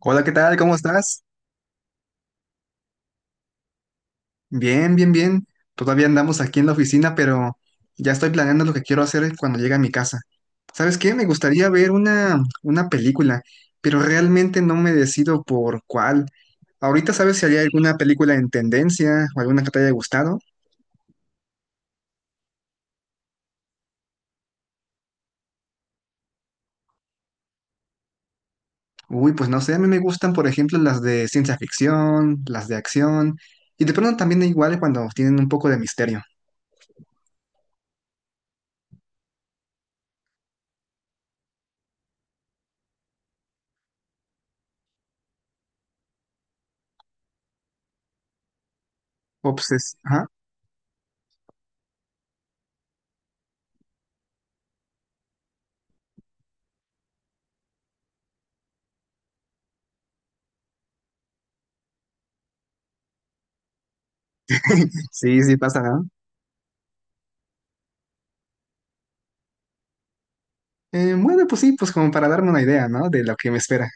Hola, ¿qué tal? ¿Cómo estás? Bien, bien, bien. Todavía andamos aquí en la oficina, pero ya estoy planeando lo que quiero hacer cuando llegue a mi casa. ¿Sabes qué? Me gustaría ver una película, pero realmente no me decido por cuál. Ahorita, ¿sabes si hay alguna película en tendencia o alguna que te haya gustado? Uy, pues no sé, a mí me gustan, por ejemplo, las de ciencia ficción, las de acción, y de pronto también igual cuando tienen un poco de misterio. Obses, ajá. Sí, sí pasa, ¿no? Bueno, pues sí, pues como para darme una idea, ¿no? De lo que me espera.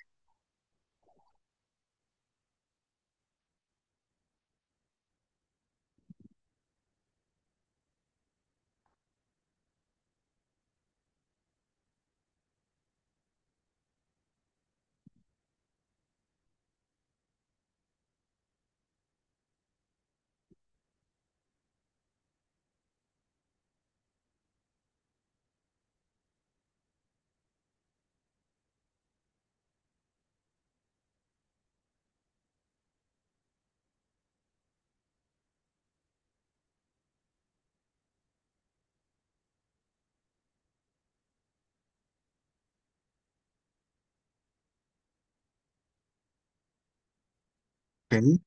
Ok,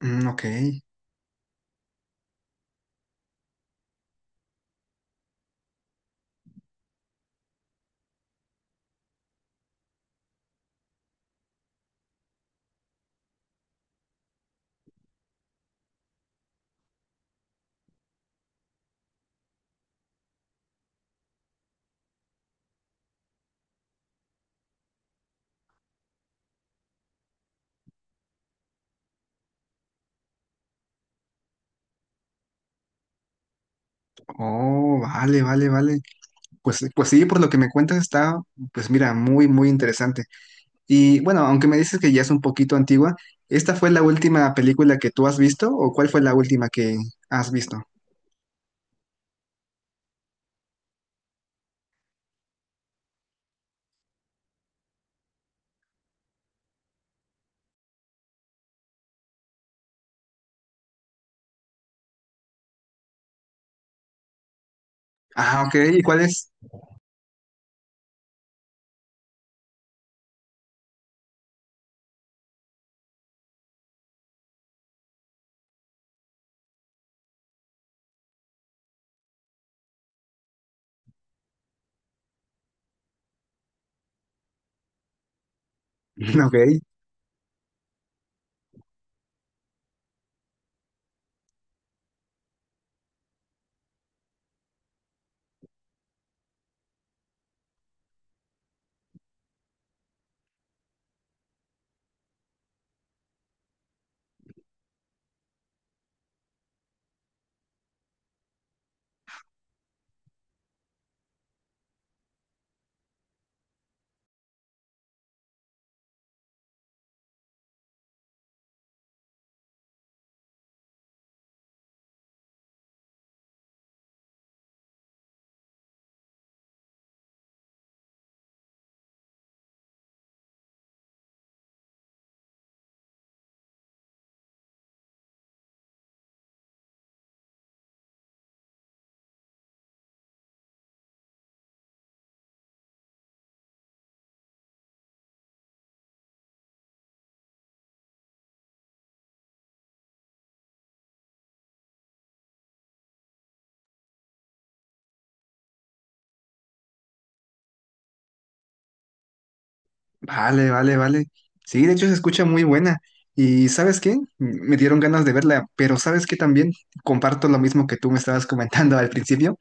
mm, ok. Oh, vale, vale, vale. Pues, pues sí, por lo que me cuentas está, pues mira, muy, muy interesante. Y bueno, aunque me dices que ya es un poquito antigua, ¿esta fue la última película que tú has visto o cuál fue la última que has visto? Ah, ok, ¿y cuál es? Ok, vale, vale, vale. Sí, de hecho se escucha muy buena. Y ¿sabes qué? Me dieron ganas de verla, pero ¿sabes qué también? Comparto lo mismo que tú me estabas comentando al principio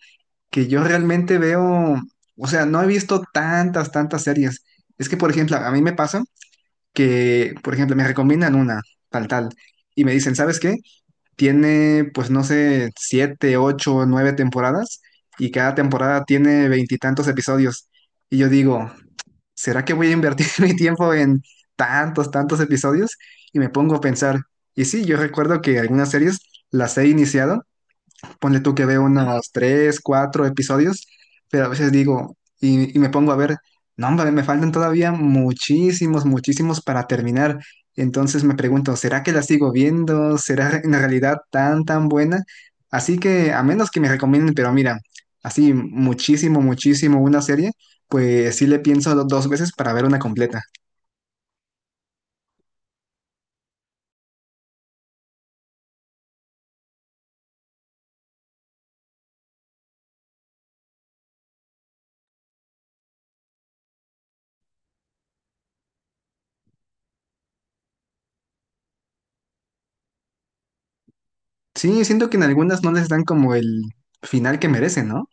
que yo realmente veo, o sea, no he visto tantas, tantas series. Es que, por ejemplo, a mí me pasa que, por ejemplo, me recomiendan una, tal, tal, y me dicen, ¿sabes qué? Tiene, pues, no sé, siete, ocho, nueve temporadas, y cada temporada tiene veintitantos episodios. Y yo digo, ¿será que voy a invertir mi tiempo en tantos, tantos episodios? Y me pongo a pensar, y sí, yo recuerdo que algunas series las he iniciado. Ponle tú que veo unas tres, cuatro episodios, pero a veces digo, y me pongo a ver, no, hombre, me faltan todavía muchísimos, muchísimos para terminar. Entonces me pregunto, ¿será que la sigo viendo? ¿Será en realidad tan, tan buena? Así que, a menos que me recomienden, pero mira, así muchísimo, muchísimo una serie, pues sí le pienso dos veces para ver una completa. Sí, siento que en algunas no les dan como el final que merecen, ¿no?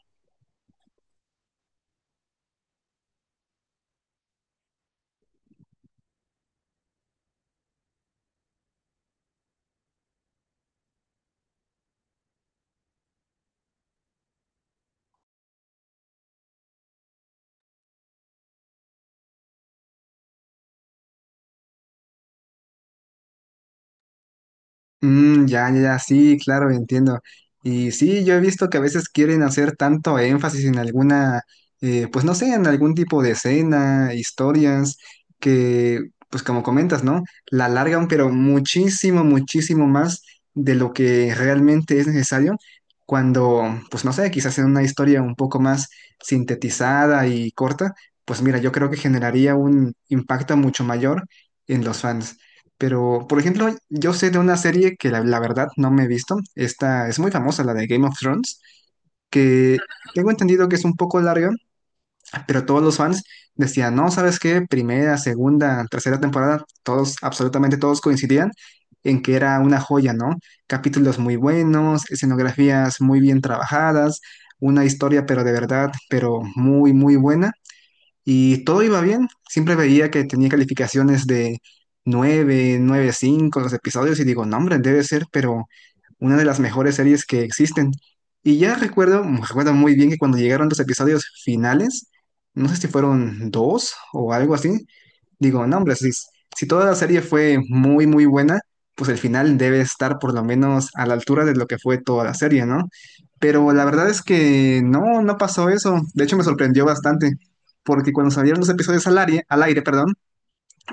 Mm, ya, ya, ya, sí, claro, entiendo. Y sí, yo he visto que a veces quieren hacer tanto énfasis en alguna, pues no sé, en algún tipo de escena, historias, que, pues como comentas, ¿no? La alargan, pero muchísimo, muchísimo más de lo que realmente es necesario cuando, pues no sé, quizás en una historia un poco más sintetizada y corta, pues mira, yo creo que generaría un impacto mucho mayor en los fans. Pero, por ejemplo, yo sé de una serie que la verdad no me he visto. Esta es muy famosa, la de Game of Thrones, que tengo entendido que es un poco larga, pero todos los fans decían, no, ¿sabes qué? Primera, segunda, tercera temporada, todos, absolutamente todos coincidían en que era una joya, ¿no? Capítulos muy buenos, escenografías muy bien trabajadas, una historia, pero de verdad, pero muy, muy buena. Y todo iba bien. Siempre veía que tenía calificaciones de 9, cinco los episodios y digo, no, hombre, debe ser, pero una de las mejores series que existen. Y ya recuerdo muy bien que cuando llegaron los episodios finales, no sé si fueron dos o algo así, digo, no, hombre, si toda la serie fue muy, muy buena, pues el final debe estar por lo menos a la altura de lo que fue toda la serie, ¿no? Pero la verdad es que no, no pasó eso. De hecho, me sorprendió bastante porque cuando salieron los episodios al aire, perdón,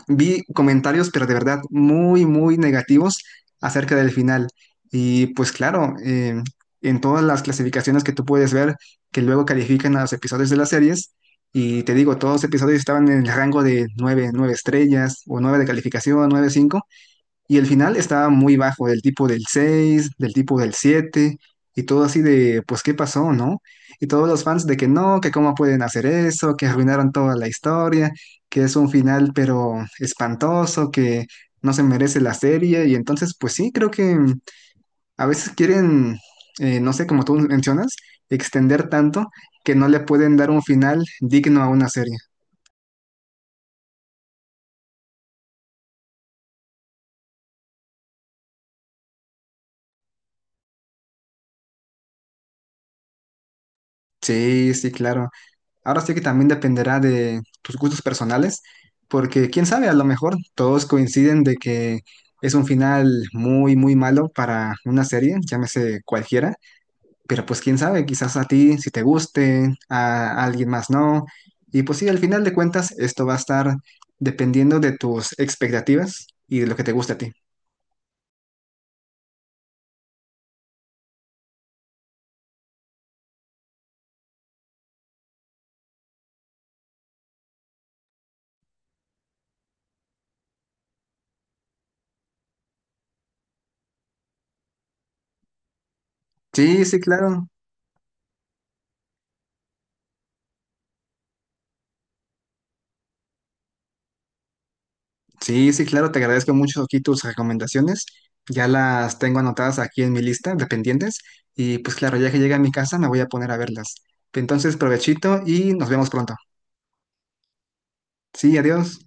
vi comentarios, pero de verdad muy, muy negativos acerca del final. Y pues claro, en todas las clasificaciones que tú puedes ver, que luego califican a los episodios de las series, y te digo, todos los episodios estaban en el rango de 9, 9 estrellas o 9 de calificación, 9 5. Y el final estaba muy bajo, del tipo del 6 del tipo del 7 y todo así de, pues, ¿qué pasó, no? Y todos los fans de que no, que cómo pueden hacer eso, que arruinaron toda la historia, que es un final pero espantoso, que no se merece la serie. Y entonces, pues sí, creo que a veces quieren, no sé, como tú mencionas, extender tanto que no le pueden dar un final digno a una serie. Sí, sí, claro. Ahora sí que también dependerá de tus gustos personales, porque quién sabe, a lo mejor todos coinciden de que es un final muy, muy malo para una serie, llámese cualquiera, pero pues quién sabe, quizás a ti si te guste, a alguien más no, y pues sí, al final de cuentas esto va a estar dependiendo de tus expectativas y de lo que te guste a ti. Sí, sí, claro. Sí, sí, claro, te agradezco mucho aquí tus recomendaciones. Ya las tengo anotadas aquí en mi lista de pendientes y pues claro, ya que llegue a mi casa me voy a poner a verlas. Entonces, provechito y nos vemos pronto. Sí, adiós.